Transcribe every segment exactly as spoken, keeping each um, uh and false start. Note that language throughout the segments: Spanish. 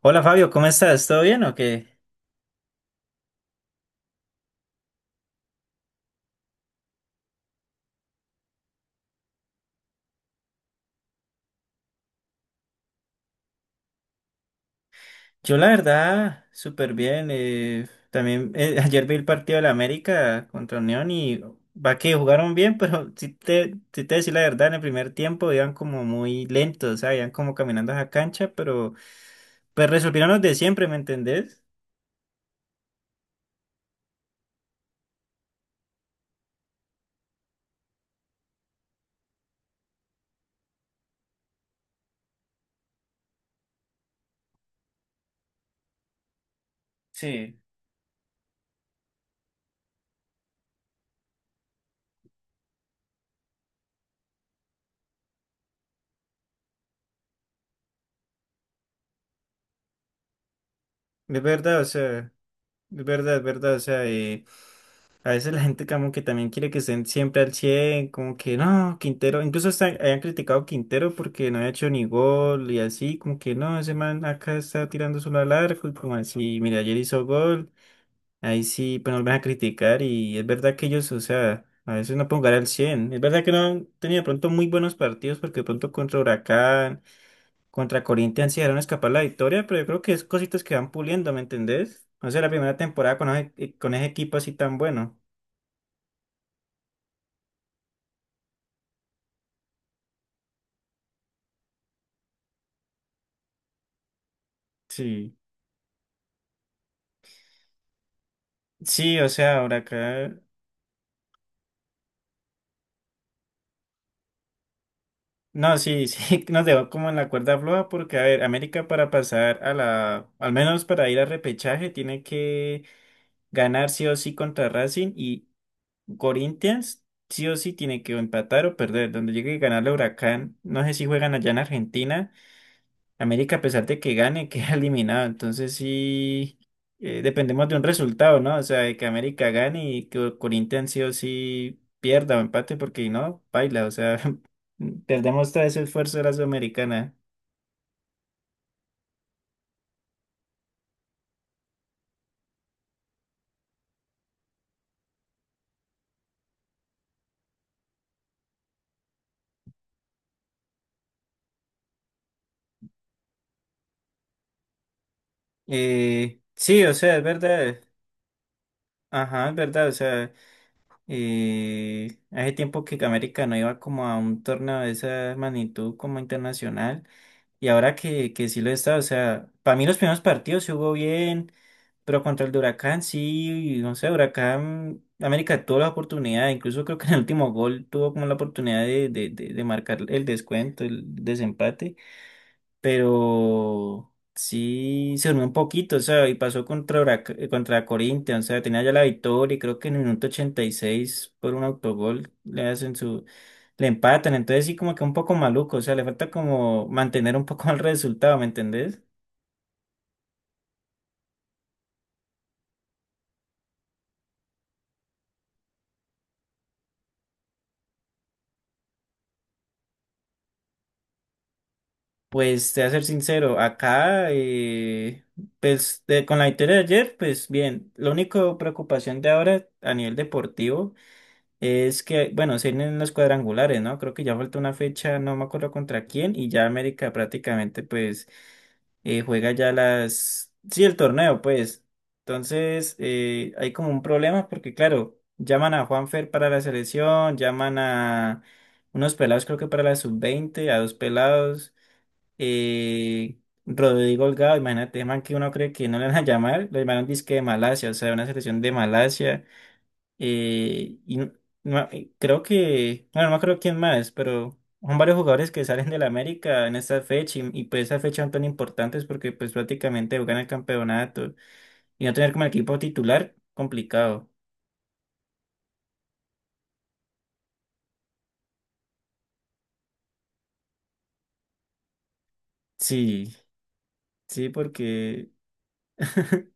Hola Fabio, ¿cómo estás? ¿Todo bien o qué? Yo la verdad, súper bien. Eh, también, eh, ayer vi el partido de la América contra Unión y va que jugaron bien, pero si te, si te decir la verdad, en el primer tiempo iban como muy lentos, o sea, iban como caminando a la cancha, pero pues resolvieron los de siempre, ¿me entendés? Sí, es verdad, o sea, es verdad, es verdad, o sea, eh, a veces la gente como que también quiere que estén siempre al cien, como que no. Quintero, incluso hasta hayan criticado a Quintero porque no había hecho ni gol y así, como que no, ese man acá está tirando solo al arco y como así, mira, ayer hizo gol, ahí sí, pues nos van a criticar. Y es verdad que ellos, o sea, a veces no pueden jugar al cien, es verdad que no han tenido de pronto muy buenos partidos, porque de pronto contra Huracán, contra Corinthians sí dejaron escapar la victoria, pero yo creo que es cositas que van puliendo, ¿me entendés? No sé, la primera temporada con ese, con ese equipo así tan bueno. Sí. Sí, o sea, ahora acá. No, sí, sí, nos dejó como en la cuerda floja porque, a ver, América para pasar a la, al menos para ir a repechaje, tiene que ganar sí o sí contra Racing, y Corinthians sí o sí tiene que o empatar o perder. Donde llegue a ganar el Huracán, no sé si juegan allá en Argentina. América, a pesar de que gane, queda eliminado. Entonces sí, eh, dependemos de un resultado, ¿no? O sea, de que América gane y que Corinthians sí o sí pierda o empate, porque no, baila. O sea, perdemos todo ese esfuerzo de la Sudamericana. Eh, sí, o sea, es verdad. Ajá, es verdad. O sea, eh, hace tiempo que América no iba como a un torneo de esa magnitud como internacional. Y ahora que, que sí lo está, o sea, para mí los primeros partidos sí jugó bien, pero contra el de Huracán sí, no sé, Huracán, América tuvo la oportunidad, incluso creo que en el último gol tuvo como la oportunidad de, de, de, de marcar el descuento, el desempate, pero sí se durmió un poquito, o sea. Y pasó contra, Hurac- eh, contra Corinthians, o sea, tenía ya la victoria y creo que en el minuto ochenta y seis por un autogol le hacen su, le empatan. Entonces sí, como que un poco maluco, o sea, le falta como mantener un poco el resultado, ¿me entendés? Pues te voy a ser sincero, acá, eh, pues de- con la victoria de ayer, pues bien. La única preocupación de ahora a nivel deportivo es que, bueno, se vienen los cuadrangulares, ¿no? Creo que ya falta una fecha, no me acuerdo contra quién, y ya América prácticamente, pues, eh, juega ya las... Sí, el torneo, pues. Entonces, eh, hay como un problema porque, claro, llaman a Juanfer para la selección, llaman a unos pelados, creo que para la sub veinte a dos pelados, eh, Rodrigo Holgado, imagínate, man, que uno cree que no le van a llamar, lo llamaron disque de Malasia, o sea, una selección de Malasia. Eh, y no- no- y creo que, bueno, no creo quién más, pero son varios jugadores que salen del América en esta fecha y, y, pues esas fechas son tan importantes porque pues prácticamente juegan el campeonato y no tener como equipo titular, complicado. Sí, sí, porque,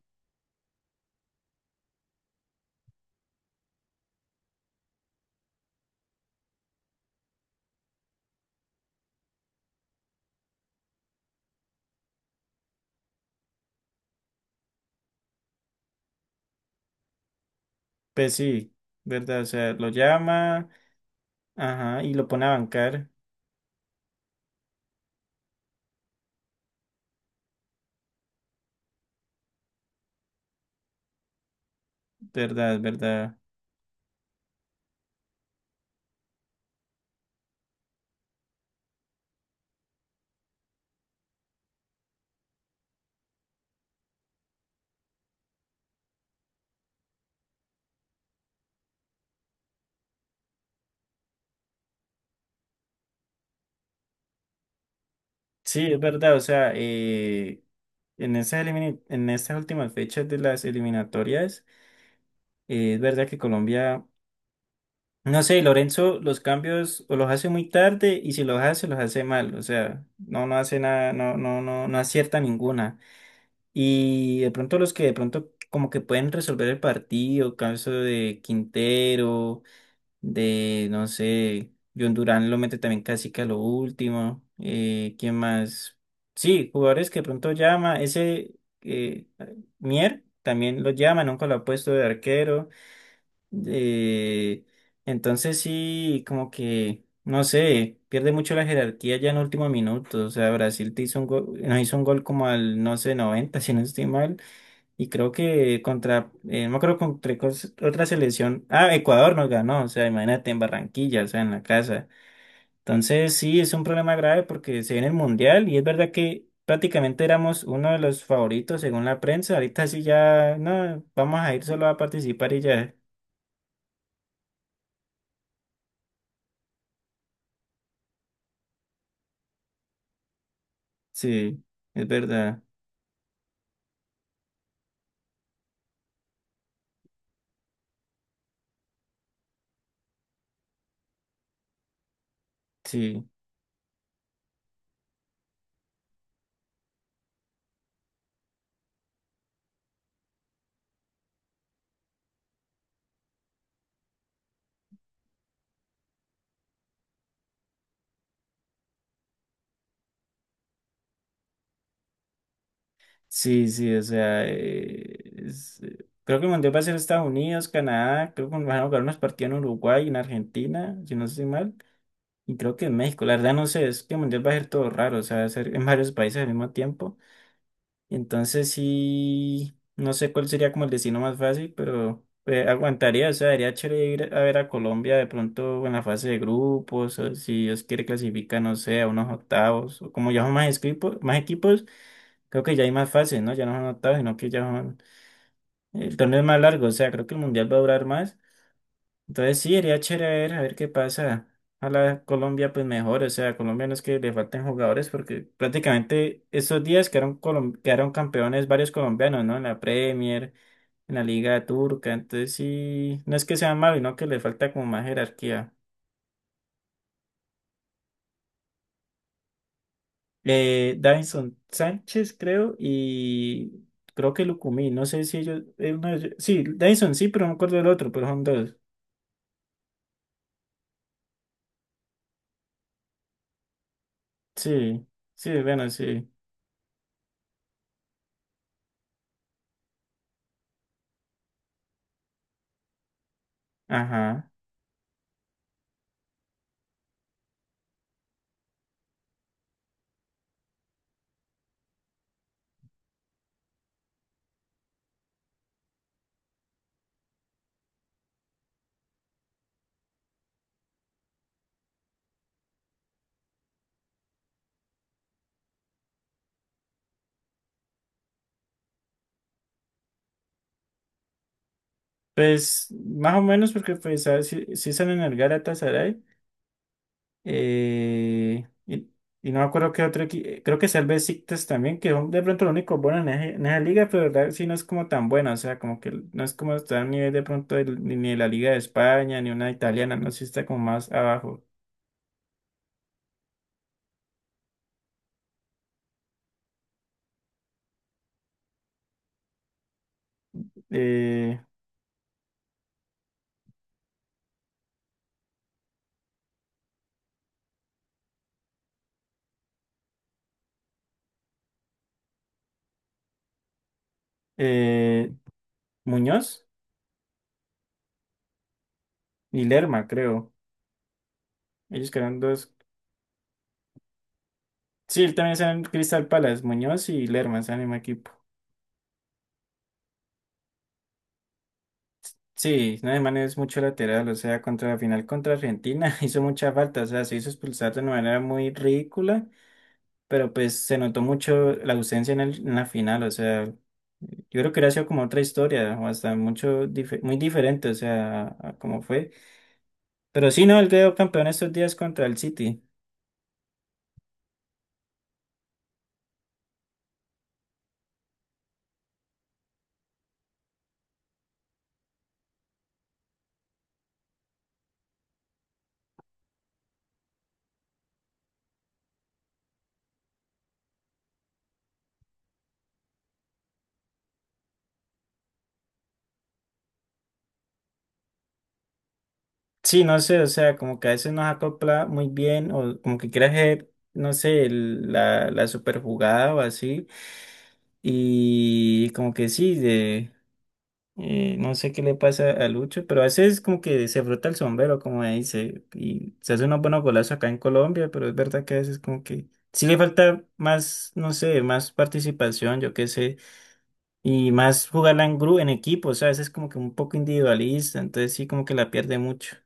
pues sí, ¿verdad? O sea, lo llama, ajá, y lo pone a bancar, ¿verdad? ¿Verdad? Sí, es verdad, o sea, eh, en esas, elimina- en esas últimas fechas de las eliminatorias. Eh, es verdad que Colombia, no sé, Lorenzo los cambios o los hace muy tarde, y si los hace, los hace mal. O sea, no, no hace nada, no, no, no, no acierta ninguna. Y de pronto los que de pronto como que pueden resolver el partido, caso de Quintero, de, no sé, John Durán lo mete también casi que a lo último. Eh, ¿quién más? Sí, jugadores que de pronto llama, ese eh, Mier también lo llama, nunca lo ha puesto de arquero. Eh, entonces sí, como que, no sé, pierde mucho la jerarquía ya en último minuto. O sea, Brasil te hizo un gol, nos hizo un gol como al, no sé, noventa si no estoy mal. Y creo que contra, eh, no me acuerdo contra cos- otra selección. Ah, Ecuador nos ganó, o sea, imagínate en Barranquilla, o sea, en la casa. Entonces sí, es un problema grave porque se viene el Mundial, y es verdad que prácticamente éramos uno de los favoritos según la prensa. Ahorita sí ya, no, vamos a ir solo a participar y ya. Sí, es verdad. Sí, sí, sí, o sea, eh, es- eh, creo que el Mundial va a ser Estados Unidos, Canadá, creo que van a jugar unos partidos en Uruguay, en Argentina, si no estoy mal, y creo que en México, la verdad no sé. Es que el Mundial va a ser todo raro, o sea, va a ser en varios países al mismo tiempo. Entonces sí, no sé cuál sería como el destino más fácil, pero eh, aguantaría, o sea, sería chévere ir a ver a Colombia de pronto en la fase de grupos, o si Dios quiere clasifica, no sé, a unos octavos, o como ya son más equipos, más equipos. Creo que ya hay más fases, ¿no? Ya no son octavos, sino que ya son... El torneo es más largo, o sea, creo que el mundial va a durar más. Entonces sí, sería chévere, a ver, a ver qué pasa. Ojalá Colombia pues mejor, o sea, a Colombia no es que le falten jugadores, porque prácticamente estos días quedaron, colom- quedaron campeones varios colombianos, ¿no? En la Premier, en la Liga Turca. Entonces sí, no es que sea malo, sino que le falta como más jerarquía. Eh, Davinson Sánchez, creo, y creo que Lucumí, no sé si ellos, eh, uno de ellos- sí, Davinson sí, pero no me acuerdo del otro, pero son dos. Sí, sí, bueno, sí. Ajá. Pues más o menos, porque pues ah, sí, sí salen el Galatasaray. Eh, y, y no me acuerdo qué otro equi- eh, creo que es el Besiktas también, que son de pronto los únicos buenos en, ese- en esa liga, pero la verdad sí no es como tan buena, o sea, como que no es como está a nivel de pronto del- ni de la Liga de España, ni una italiana, no, sí está como más abajo. eh, eh, Muñoz y Lerma, creo. Ellos quedaron dos. Sí, él también está en Crystal Palace, Muñoz y Lerma, es el mismo equipo. Sí, no, man es mucho lateral, o sea, contra la final contra Argentina hizo mucha falta, o sea, se hizo expulsar de una manera muy ridícula, pero pues se notó mucho la ausencia en, el- en la final, o sea, yo creo que hubiera sido como otra historia, o hasta mucho, dife- muy diferente, o sea, a, a cómo fue. Pero sí, no, él quedó campeón estos días contra el City. Sí, no sé, o sea, como que a veces nos acopla muy bien, o como que quiere hacer, no sé, el- la, la super jugada o así. Y como que sí, de, eh, no sé qué le pasa a Lucho, pero a veces como que se frota el sombrero, como ahí dice, y se hace unos buenos golazos acá en Colombia, pero es verdad que a veces como que sí le falta más, no sé, más participación, yo qué sé, y más jugarla en grupo, en equipo, o sea, a veces como que un poco individualista, entonces sí como que la pierde mucho.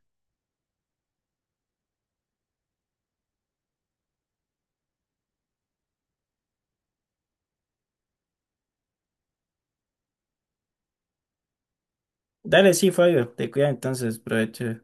Dale, sí, Fabio, te cuida entonces, provecho.